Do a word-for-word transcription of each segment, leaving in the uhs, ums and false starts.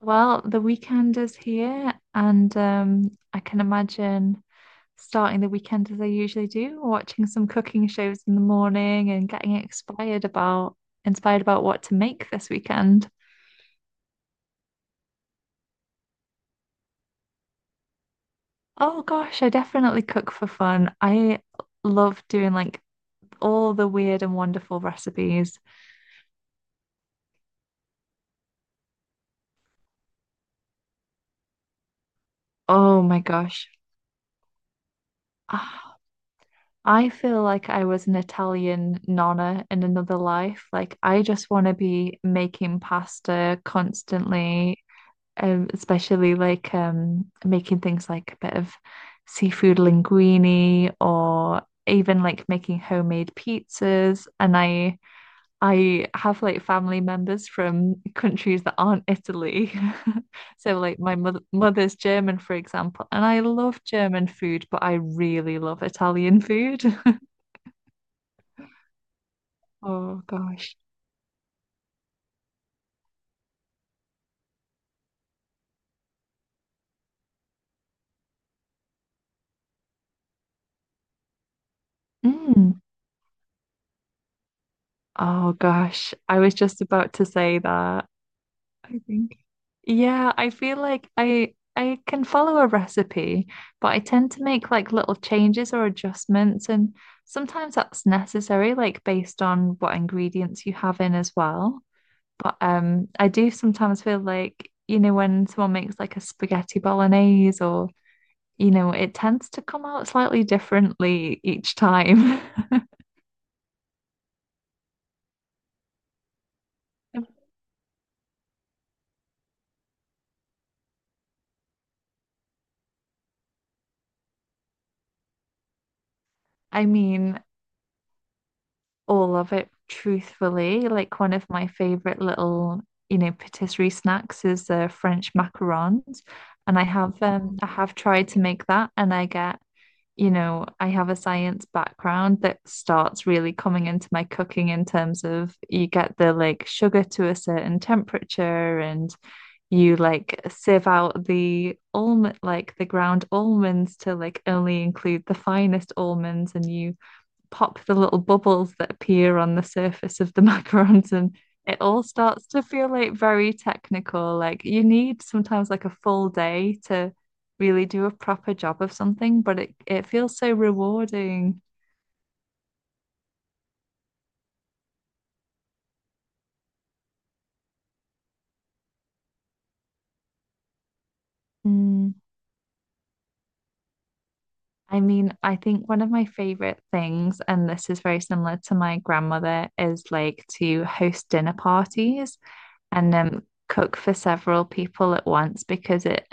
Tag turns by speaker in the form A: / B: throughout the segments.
A: Well, the weekend is here, and um, I can imagine starting the weekend as I usually do, watching some cooking shows in the morning and getting inspired about inspired about what to make this weekend. Oh gosh, I definitely cook for fun. I love doing like all the weird and wonderful recipes. Oh my gosh. Ah, I feel like I was an Italian nonna in another life. Like, I just want to be making pasta constantly, um, especially like um, making things like a bit of seafood linguine or even like making homemade pizzas. And I I have like family members from countries that aren't Italy. So like my mother mother's German, for example, and I love German food, but I really love Italian food. Oh gosh. Mm. Oh gosh, I was just about to say that. I think. Yeah, I feel like I I can follow a recipe, but I tend to make like little changes or adjustments, and sometimes that's necessary, like based on what ingredients you have in as well. But um, I do sometimes feel like, you know, when someone makes like a spaghetti bolognese or, you know, it tends to come out slightly differently each time. I mean, all of it truthfully. Like one of my favorite little, you know, patisserie snacks is uh, French macarons, and I have um I have tried to make that, and I get, you know, I have a science background that starts really coming into my cooking in terms of you get the like sugar to a certain temperature and you like sieve out the almond like the ground almonds to like only include the finest almonds and you pop the little bubbles that appear on the surface of the macarons and it all starts to feel like very technical. Like you need sometimes like a full day to really do a proper job of something, but it, it feels so rewarding. Mm. I mean, I think one of my favorite things, and this is very similar to my grandmother, is like to host dinner parties. and um, cook for several people at once because it,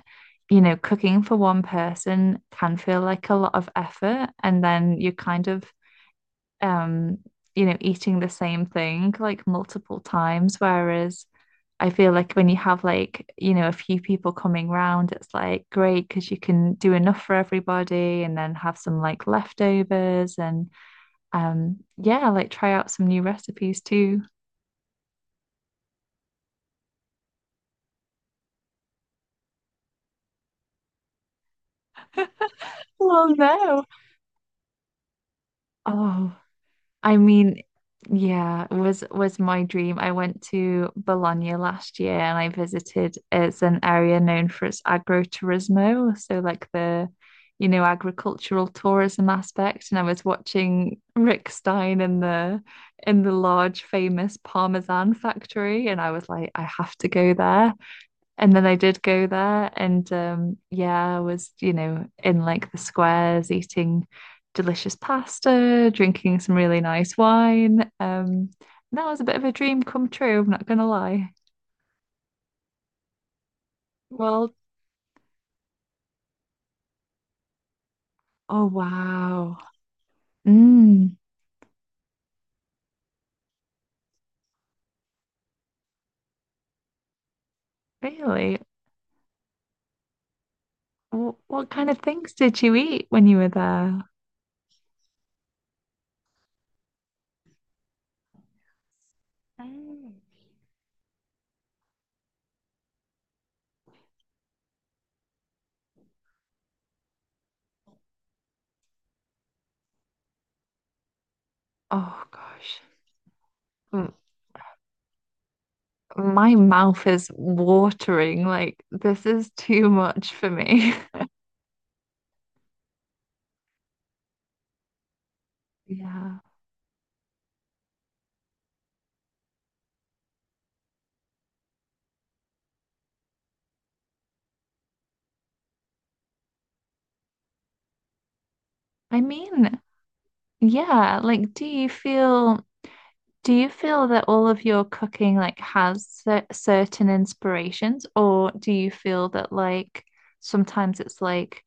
A: you know, cooking for one person can feel like a lot of effort, and then you're kind of, um, you know, eating the same thing like multiple times. Whereas I feel like when you have like, you know, a few people coming round, it's like great because you can do enough for everybody and then have some like leftovers and um, yeah, like try out some new recipes too. Oh no. Oh, I mean, yeah, was was my dream. I went to Bologna last year and I visited it's an area known for its agroturismo, so like the you know agricultural tourism aspect. And I was watching Rick Stein in the in the large famous Parmesan factory and I was like, I have to go there. And then I did go there, and um, yeah, I was, you know, in like the squares eating delicious pasta, drinking some really nice wine. Um, that was a bit of a dream come true, I'm not gonna lie. Well, oh, wow. Mm, really? What, what kind of things did you eat when you were there? Mm. Oh, gosh. M My mouth is watering. Like, this is too much for me. Yeah. I mean, yeah, like do you feel do you feel that all of your cooking like has cer certain inspirations or do you feel that like sometimes it's like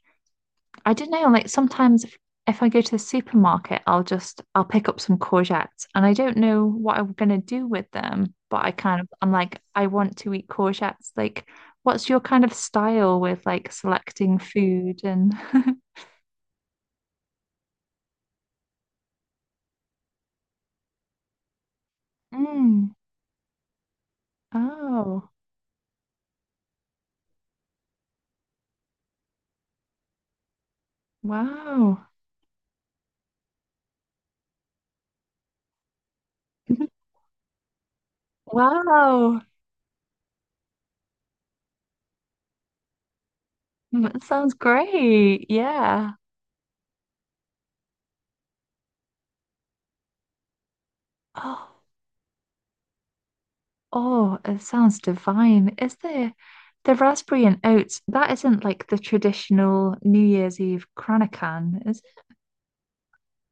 A: I don't know like sometimes if, if I go to the supermarket I'll just I'll pick up some courgettes and I don't know what I'm gonna do with them but I kind of I'm like I want to eat courgettes like what's your kind of style with like selecting food and Mm. Oh, wow. Wow. Mm, that sounds great. Yeah. Oh, oh, it sounds divine. Is there the raspberry and oats? That isn't like the traditional New Year's Eve Kranakan, is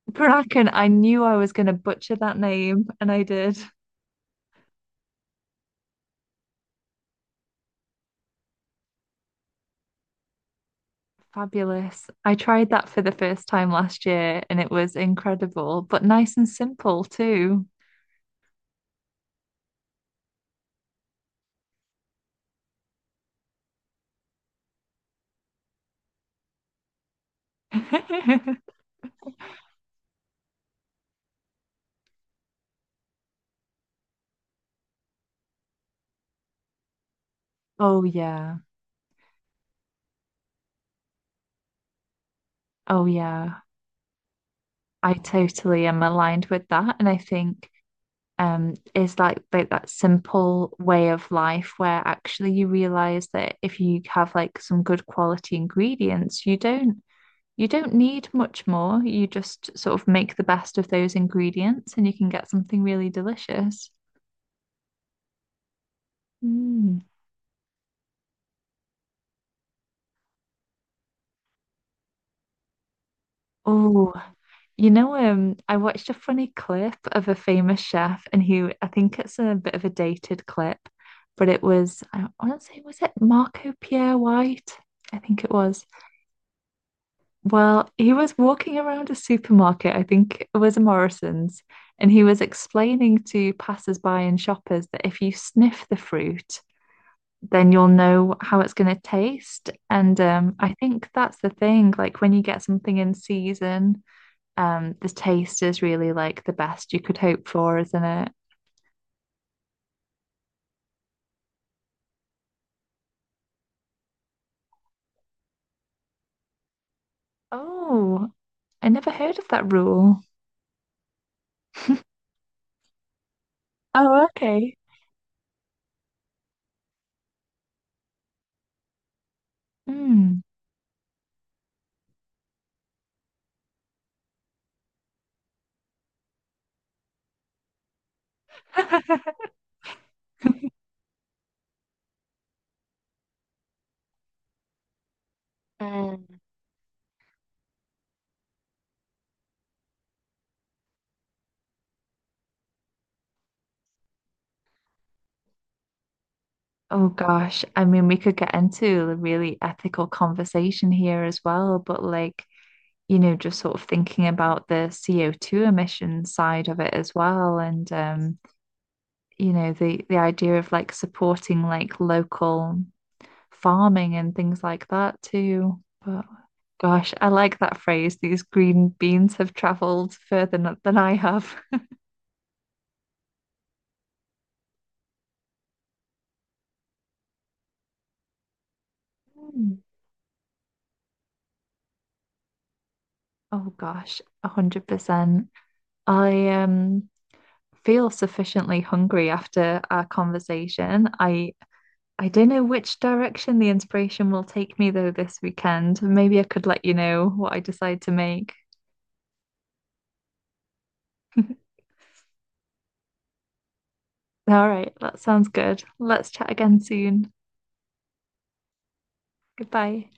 A: it? Kranakan, I knew I was going to butcher that name, and I did. Fabulous. I tried that for the first time last year, and it was incredible, but nice and simple too. Oh, yeah. Oh, yeah. I totally am aligned with that. And I think um, is like like that simple way of life where actually you realize that if you have like some good quality ingredients, you don't you don't need much more. You just sort of make the best of those ingredients and you can get something really delicious. Mm. Oh, you know, um, I watched a funny clip of a famous chef, and who I think it's a bit of a dated clip, but it was I want to say was it Marco Pierre White? I think it was. Well, he was walking around a supermarket, I think it was a Morrison's, and he was explaining to passers-by and shoppers that if you sniff the fruit, then you'll know how it's going to taste. And um, I think that's the thing. Like when you get something in season, um, the taste is really like the best you could hope for, isn't it? Oh, I never heard of that rule. Oh, okay. Mm. Mm. Oh gosh, I mean, we could get into a really ethical conversation here as well, but like, you know, just sort of thinking about the C O two emission side of it as well, and um, you know, the the idea of like supporting like local farming and things like that too. But gosh, I like that phrase. These green beans have traveled further n- than I have. Mm. Oh gosh, one hundred percent. I um feel sufficiently hungry after our conversation. I I don't know which direction the inspiration will take me though this weekend. Maybe I could let you know what I decide to make. All right, that sounds good. Let's chat again soon. Goodbye.